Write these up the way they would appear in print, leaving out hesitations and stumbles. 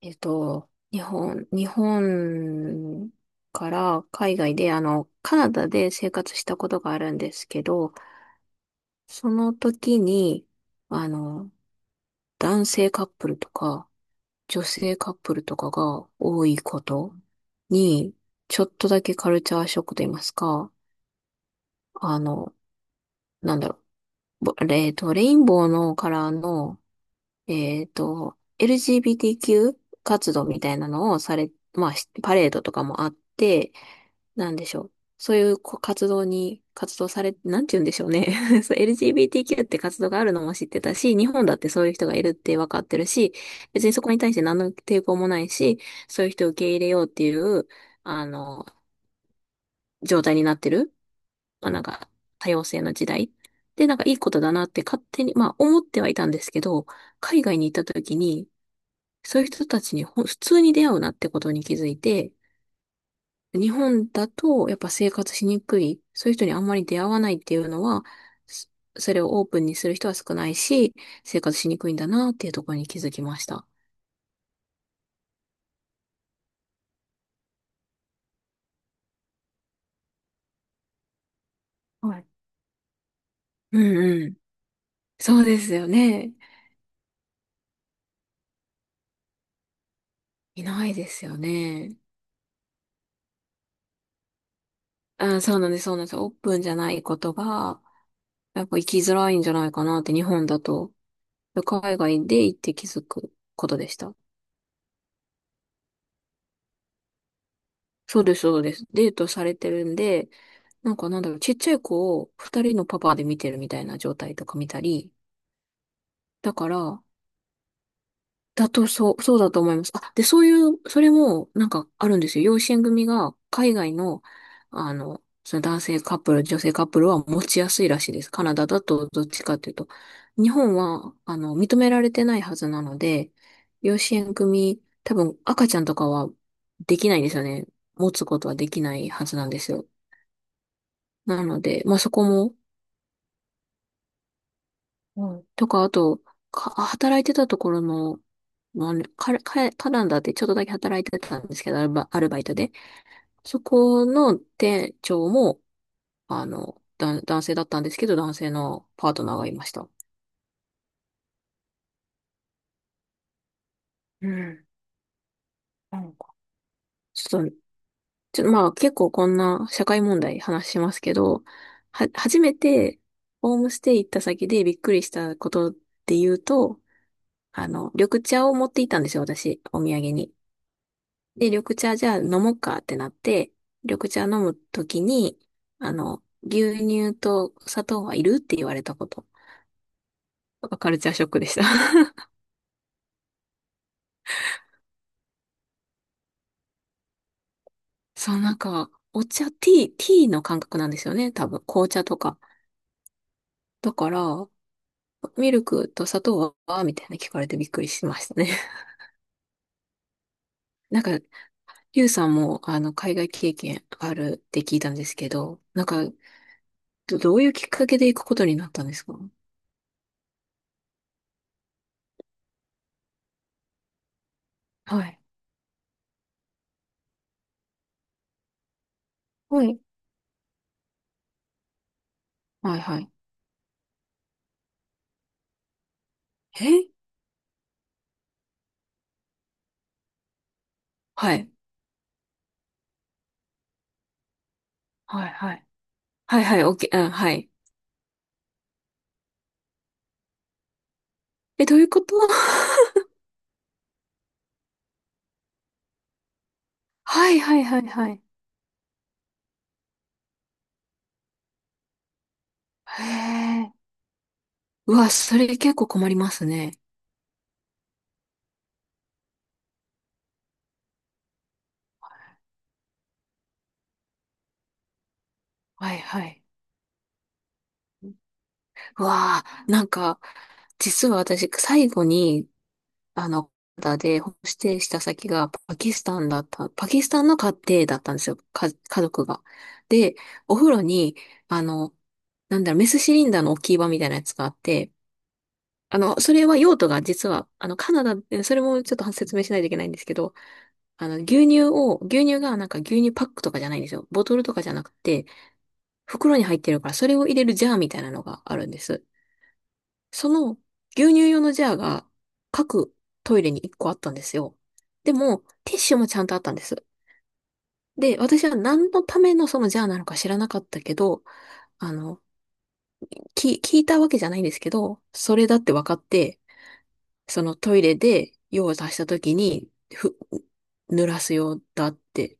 日本から海外で、カナダで生活したことがあるんですけど、その時に、あの、男性カップルとか、女性カップルとかが多いことに、ちょっとだけカルチャーショックと言いますか、あの、なんだろう、ぼえっと、レインボーのカラーの、えっと、LGBTQ 活動みたいなのをされ、まあ、しパレードとかもあって、なんでしょう。そういうこ活動に、活動され、なんて言うんでしょうね。そう LGBTQ って活動があるのも知ってたし、日本だってそういう人がいるって分かってるし、別にそこに対して何の抵抗もないし、そういう人を受け入れようっていう、あの、状態になってる。まあなんか、多様性の時代。で、なんかいいことだなって勝手に、まあ思ってはいたんですけど、海外に行った時に、そういう人たちに普通に出会うなってことに気づいて、日本だとやっぱ生活しにくい、そういう人にあんまり出会わないっていうのは、そそれをオープンにする人は少ないし、生活しにくいんだなっていうところに気づきました。はい。うんうん。そうですよね。いないですよね。あ、そうなんです、そうなんです。オープンじゃないことが、やっぱ生きづらいんじゃないかなって日本だと。海外で行って気づくことでした。そうです、そうです。デートされてるんで、なんかなんだろう、ちっちゃい子を二人のパパで見てるみたいな状態とか見たり、だから、だとそう、そうだと思います。あ、で、そういう、それもなんかあるんですよ。養子縁組が海外の、その男性カップル、女性カップルは持ちやすいらしいです。カナダだとどっちかというと。日本は、認められてないはずなので、養子縁組、多分赤ちゃんとかはできないんですよね。持つことはできないはずなんですよ。なので、まあ、そこも、うん。とか、あと、働いてたところの、まあね、カナダでちょっとだけ働いてたんですけど、アルバイトで。そこの店長も、男性だったんですけど、男性のパートナーがいました。うん。なんか。ちょっと、ちょっとまあ結構こんな社会問題話しますけど、初めてホームステイ行った先でびっくりしたことで言うと、緑茶を持って行ったんですよ、私、お土産に。で、緑茶じゃあ飲もうかってなって、緑茶飲むときに、牛乳と砂糖はいるって言われたこと。カルチャーショックでした。そう、なんか、お茶、ティー、ティーの感覚なんですよね、多分。紅茶とか。だから、ミルクと砂糖はみたいな聞かれてびっくりしましたね。なんか、ゆうさんも、海外経験あるって聞いたんですけど、なんか、どういうきっかけで行くことになったんですか？はい。はい。はいはい。えはい。はいはい。はいはい、オッケー、うん、はい。え、どういうこと？ はいはいはいはい。へえ。うわ、それ結構困りますね。はいはい。うわあ、なんか、実は私、最後に、カナダでホームステイした先がパキスタンだった、パキスタンの家庭だったんですよ、か、家族が。で、お風呂に、あの、なんだろう、メスシリンダーの置き場みたいなやつがあって、それは用途が実は、カナダで、それもちょっと説明しないといけないんですけど、牛乳がなんか牛乳パックとかじゃないんですよ。ボトルとかじゃなくて、袋に入ってるから、それを入れるジャーみたいなのがあるんです。その牛乳用のジャーが各トイレに1個あったんですよ。でも、ティッシュもちゃんとあったんです。で、私は何のためのそのジャーなのか知らなかったけど、あの、聞いたわけじゃないんですけど、それだって分かって、そのトイレで用を足した時に、ふ、濡らす用だって、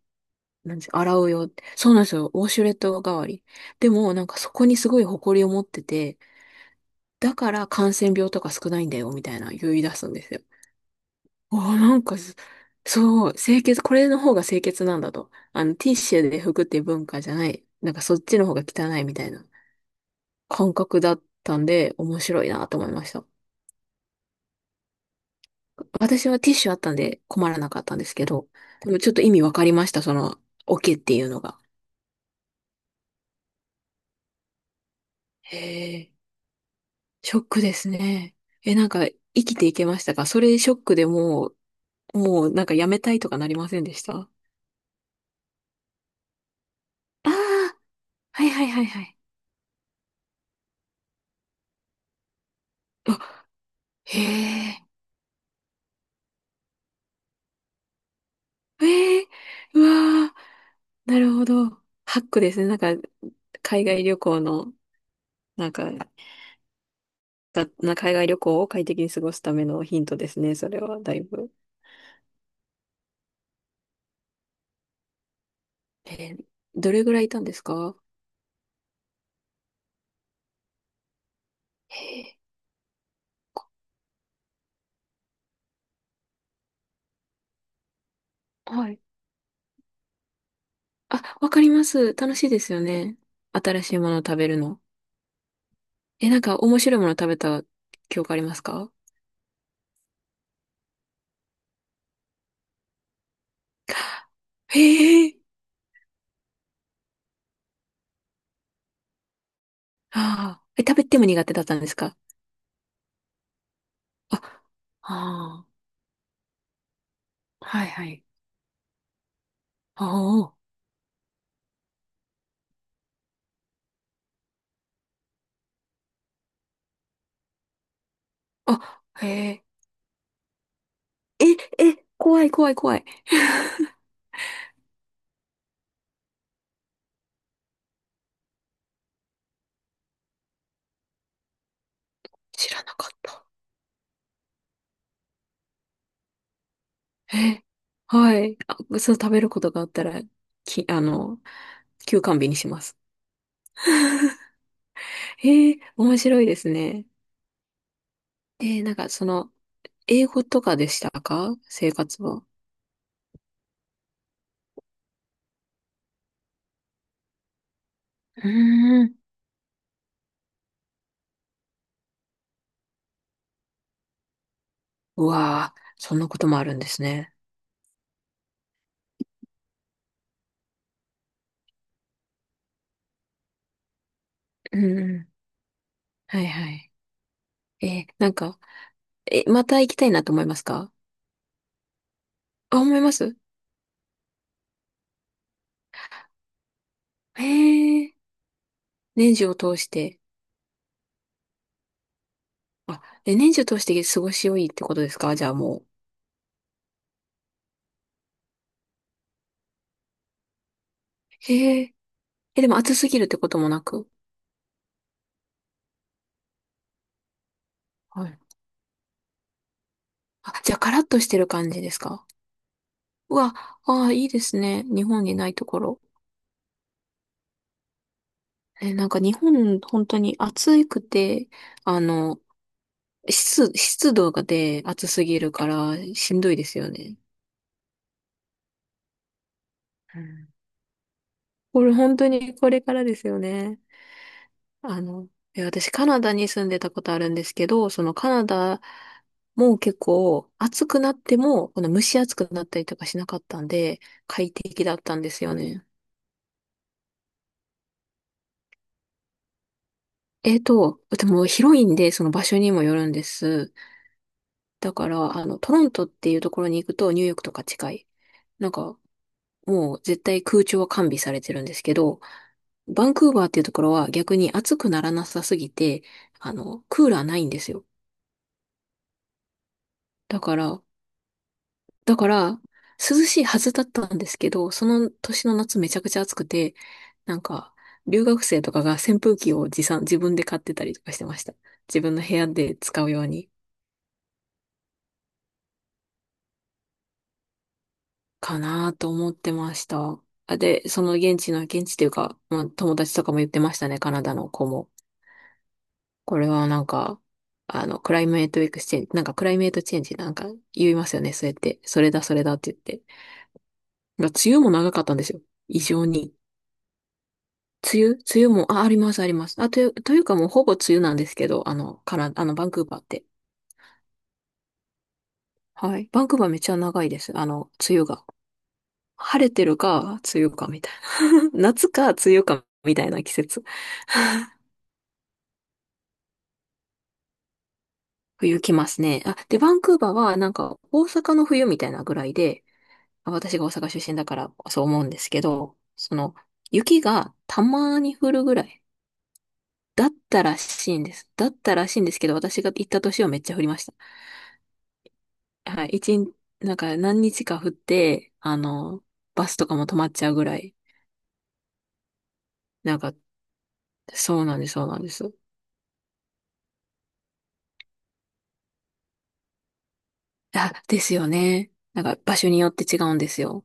なんです、洗う用って。そうなんですよ。ウォシュレット代わり。でも、なんかそこにすごい誇りを持ってて、だから感染病とか少ないんだよ、みたいな言い出すんですよ。ああ、なんかす、そう、清潔、これの方が清潔なんだと。ティッシュで拭くっていう文化じゃない。なんかそっちの方が汚いみたいな感覚だったんで、面白いなと思いました。私はティッシュあったんで困らなかったんですけど、でもちょっと意味わかりました、その、オケっていうのが。へえ、ショックですね。え、なんか、生きていけましたかそれショックでも？もうなんかやめたいとかなりませんでしたあ？あー、はいはいはいはい。あ、へえ、へえ、うわー、なるほど。ハックですね。なんか、海外旅行の、なんか、がな海外旅行を快適に過ごすためのヒントですね、それはだいぶ。えーどれぐらいいたんですか？へーはい。あ、わかります。楽しいですよね。新しいものを食べるの。え、なんか面白いものを食べた記憶ありますか？へえ。ああ。え、食べても苦手だったんですか？あ、ああ。はいはい。ああ。あ、へえ。え、え、怖い怖い怖い。知らなかった。え。はい。あ、そう、食べることがあったら、き、休館日にします。へえ、面白いですね。えー、なんかその、英語とかでしたか生活は？うーん。うわー、そんなこともあるんですね。うんうんはいはい。えー、なんか、え、また行きたいなと思いますか？あ、思いますへえ、年中を通して。あ、え、年中を通して過ごし良いってことですかじゃあもう。へえ、え、でも暑すぎるってこともなく。はい。あ、じゃあカラッとしてる感じですか？うわ、ああ、いいですね。日本にないところ。え、なんか日本、本当に暑くて、あの、湿度がで暑すぎるからしんどいですよね。うんこれ本当にこれからですよね。あの、え、私カナダに住んでたことあるんですけど、そのカナダも結構暑くなっても、この蒸し暑くなったりとかしなかったんで、快適だったんですよね。えっと、でも広いんで、その場所にもよるんです。だから、トロントっていうところに行くとニューヨークとか近い。なんか、もう絶対空調は完備されてるんですけど、バンクーバーっていうところは逆に暑くならなさすぎて、クーラーないんですよ。だから、だから、涼しいはずだったんですけど、その年の夏めちゃくちゃ暑くて、なんか、留学生とかが扇風機を持参、自分で買ってたりとかしてました。自分の部屋で使うように。かなと思ってました。あで、その現地の、現地というか、まあ、友達とかも言ってましたね、カナダの子も。これはなんか、クライメートエクスチェンジ、なんかクライメートチェンジなんか言いますよね、そうやって。それだ、それだって言って。ま梅雨も長かったんですよ。異常に。梅雨も、あ、あります、あります。あ、というかもうほぼ梅雨なんですけど、あの、カナ、あの、バンクーバーって。はい。バンクーバーめっちゃ長いです。梅雨が。晴れてるか、梅雨か、みたいな。夏か、梅雨か、みたいな季節。冬来ますね。あ、で、バンクーバーはなんか大阪の冬みたいなぐらいで、あ私が大阪出身だからそう思うんですけど、その雪がたまに降るぐらいだったらしいんです。だったらしいんですけど、私が行った年はめっちゃ降りました。はい、一日、なんか何日か降って、バスとかも止まっちゃうぐらい。なんか、そうなんです、そうなんです。あ、ですよね。なんか場所によって違うんですよ。